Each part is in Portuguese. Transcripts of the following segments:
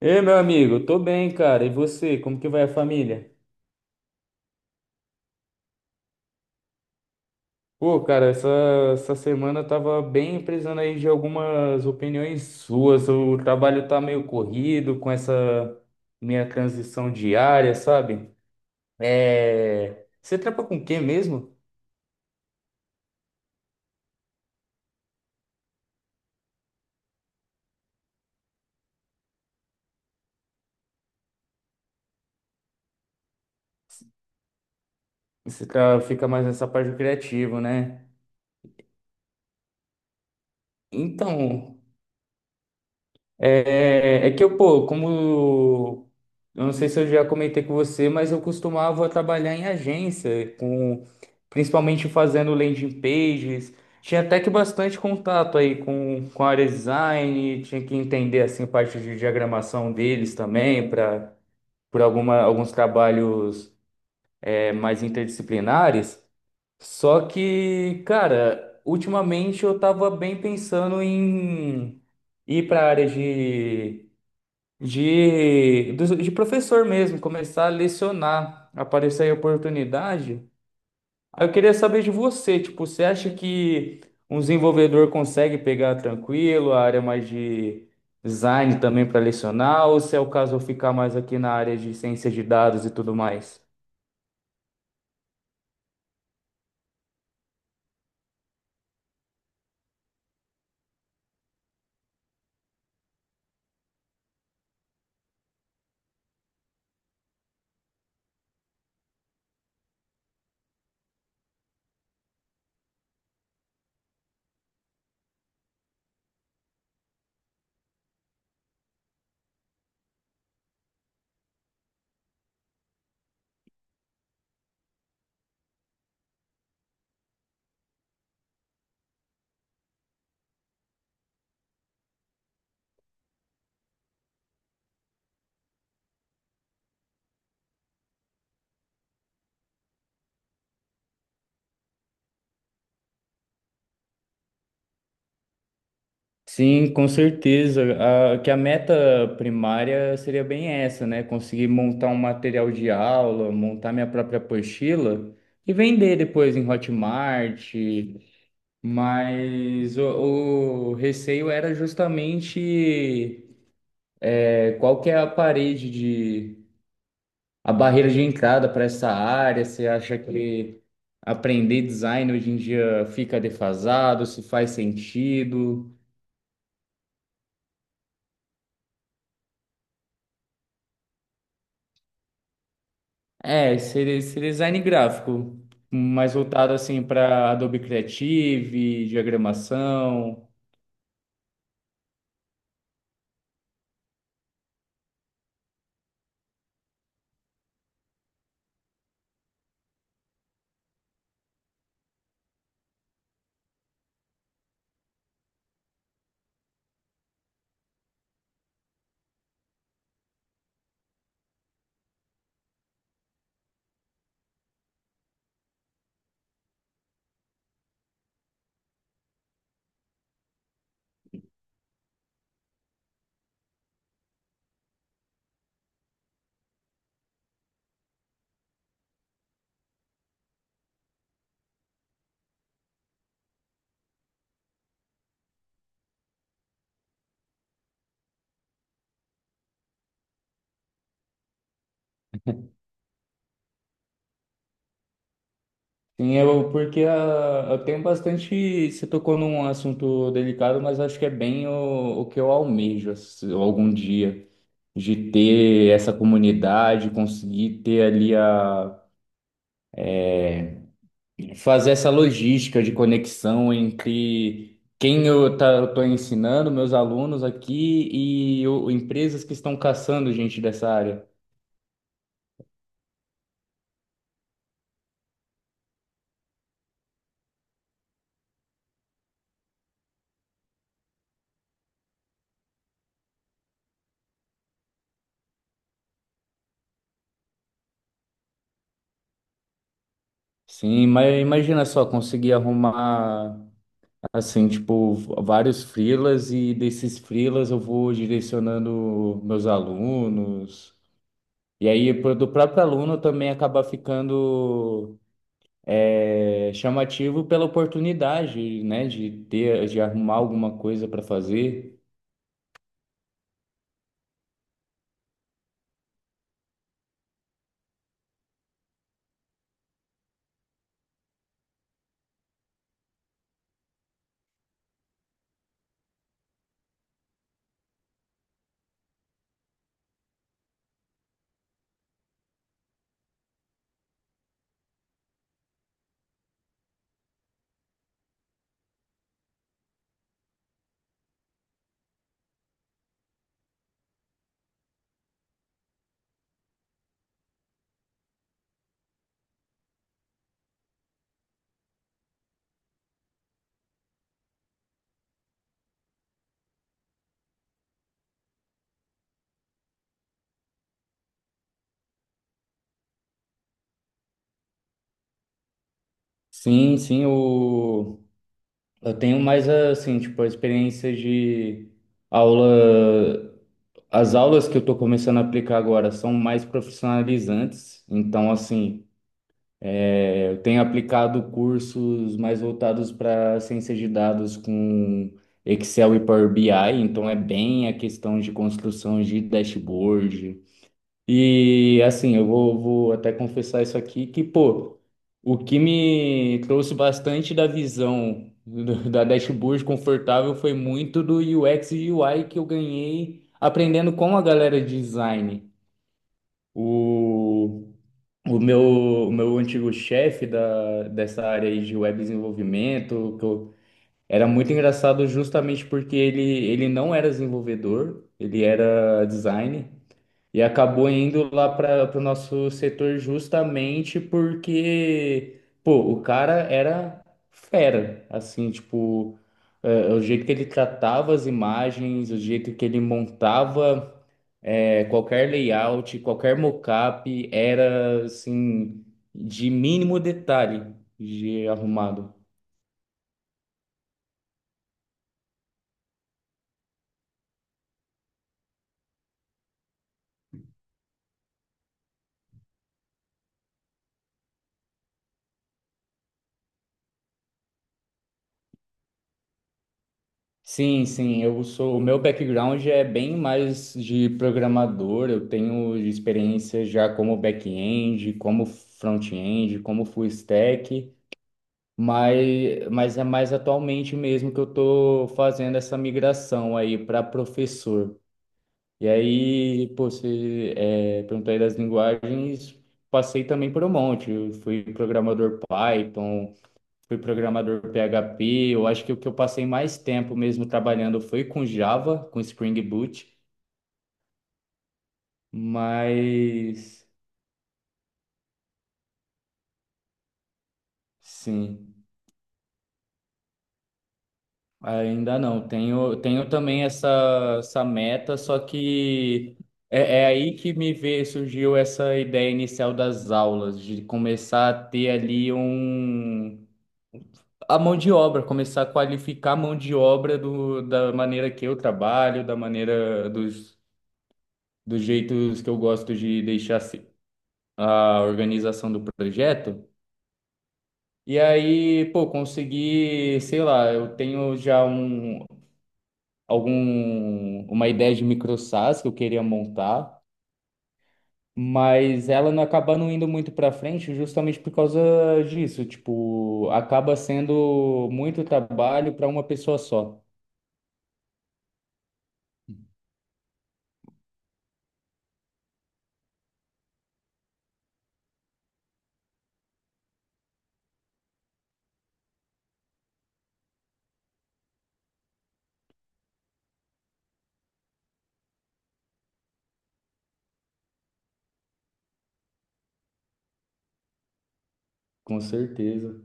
Ei, meu amigo, tô bem, cara. E você, como que vai a família? Pô, cara, essa semana eu tava bem precisando aí de algumas opiniões suas. O trabalho tá meio corrido com essa minha transição diária, sabe? Você trampa com o quê mesmo? Você fica mais nessa parte criativa, né? Então, É, é que eu, pô, como. Eu não sei se eu já comentei com você, mas eu costumava trabalhar em agência, principalmente fazendo landing pages. Tinha até que bastante contato aí com a área de design, tinha que entender assim parte de diagramação deles também, para por alguns trabalhos mais interdisciplinares. Só que, cara, ultimamente eu tava bem pensando em ir para a área de professor mesmo, começar a lecionar, aparecer aí a oportunidade. Aí eu queria saber de você, tipo, você acha que um desenvolvedor consegue pegar tranquilo a área mais de design também para lecionar, ou se é o caso eu ficar mais aqui na área de ciência de dados e tudo mais? Sim, com certeza. Que a meta primária seria bem essa, né? Conseguir montar um material de aula, montar minha própria apostila e vender depois em Hotmart. Mas o receio era justamente qual que é a barreira de entrada para essa área. Você acha que aprender design hoje em dia fica defasado? Se faz sentido? Seria esse design gráfico, mais voltado assim para Adobe Creative, diagramação. Sim, eu, porque eu tenho bastante. Você tocou num assunto delicado, mas acho que é bem o que eu almejo algum dia, de ter essa comunidade, conseguir ter ali a. fazer essa logística de conexão entre quem eu estou ensinando, meus alunos aqui e empresas que estão caçando gente dessa área. Sim, mas imagina só, conseguir arrumar, assim, tipo, vários freelas e desses freelas eu vou direcionando meus alunos. E aí, do próprio aluno também acaba ficando chamativo pela oportunidade, né, de ter, de arrumar alguma coisa para fazer. Sim, sim, eu tenho mais, assim, tipo, a experiência de aula. As aulas que eu estou começando a aplicar agora são mais profissionalizantes, então, assim, eu tenho aplicado cursos mais voltados para ciência de dados com Excel e Power BI, então é bem a questão de construção de dashboard, e assim, vou até confessar isso aqui, que, pô, o que me trouxe bastante da visão da dashboard confortável foi muito do UX e UI que eu ganhei aprendendo com a galera de design. O, o meu, o meu antigo chefe dessa área aí de web desenvolvimento, era muito engraçado justamente porque ele não era desenvolvedor, ele era designer. E acabou indo lá para o nosso setor justamente porque, pô, o cara era fera, assim, tipo, o jeito que ele tratava as imagens, o jeito que ele montava qualquer layout, qualquer mockup, era, assim, de mínimo detalhe de arrumado. Sim, sim, eu sou, o meu background é bem mais de programador, eu tenho experiência já como back-end, como front-end, como full stack, mas, mas é mais atualmente mesmo que eu estou fazendo essa migração aí para professor. E aí, pô, perguntou aí das linguagens, passei também por um monte, eu fui programador Python, fui programador PHP. Eu acho que o que eu passei mais tempo mesmo trabalhando foi com Java, com Spring Boot, mas sim, ainda não. Tenho também essa meta, só que é aí que surgiu essa ideia inicial das aulas, de começar a ter ali um, a mão de obra, começar a qualificar a mão de obra da maneira que eu trabalho, da maneira dos jeitos que eu gosto de deixar a organização do projeto. E aí, pô, consegui, sei lá, eu tenho já um, algum, uma ideia de micro SaaS que eu queria montar, mas ela não acaba não indo muito para frente justamente por causa disso. Tipo, acaba sendo muito trabalho para uma pessoa só. Com certeza.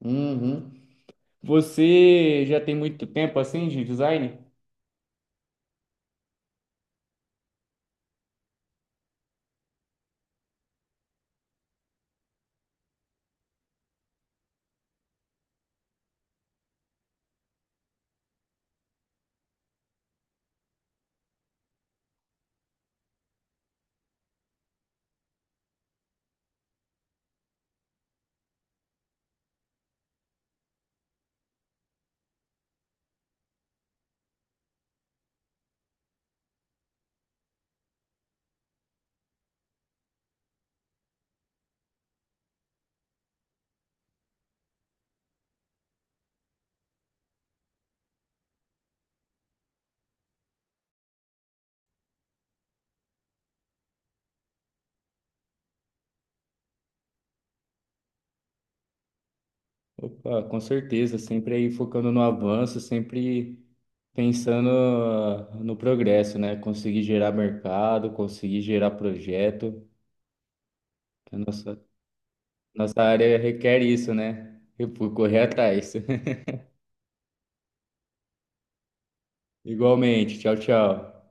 Uhum. Você já tem muito tempo assim de design? Opa, com certeza, sempre aí focando no avanço, sempre pensando no progresso, né? Conseguir gerar mercado, conseguir gerar projeto. A nossa, Nossa área requer isso, né? E por correr atrás. Igualmente. Tchau, tchau.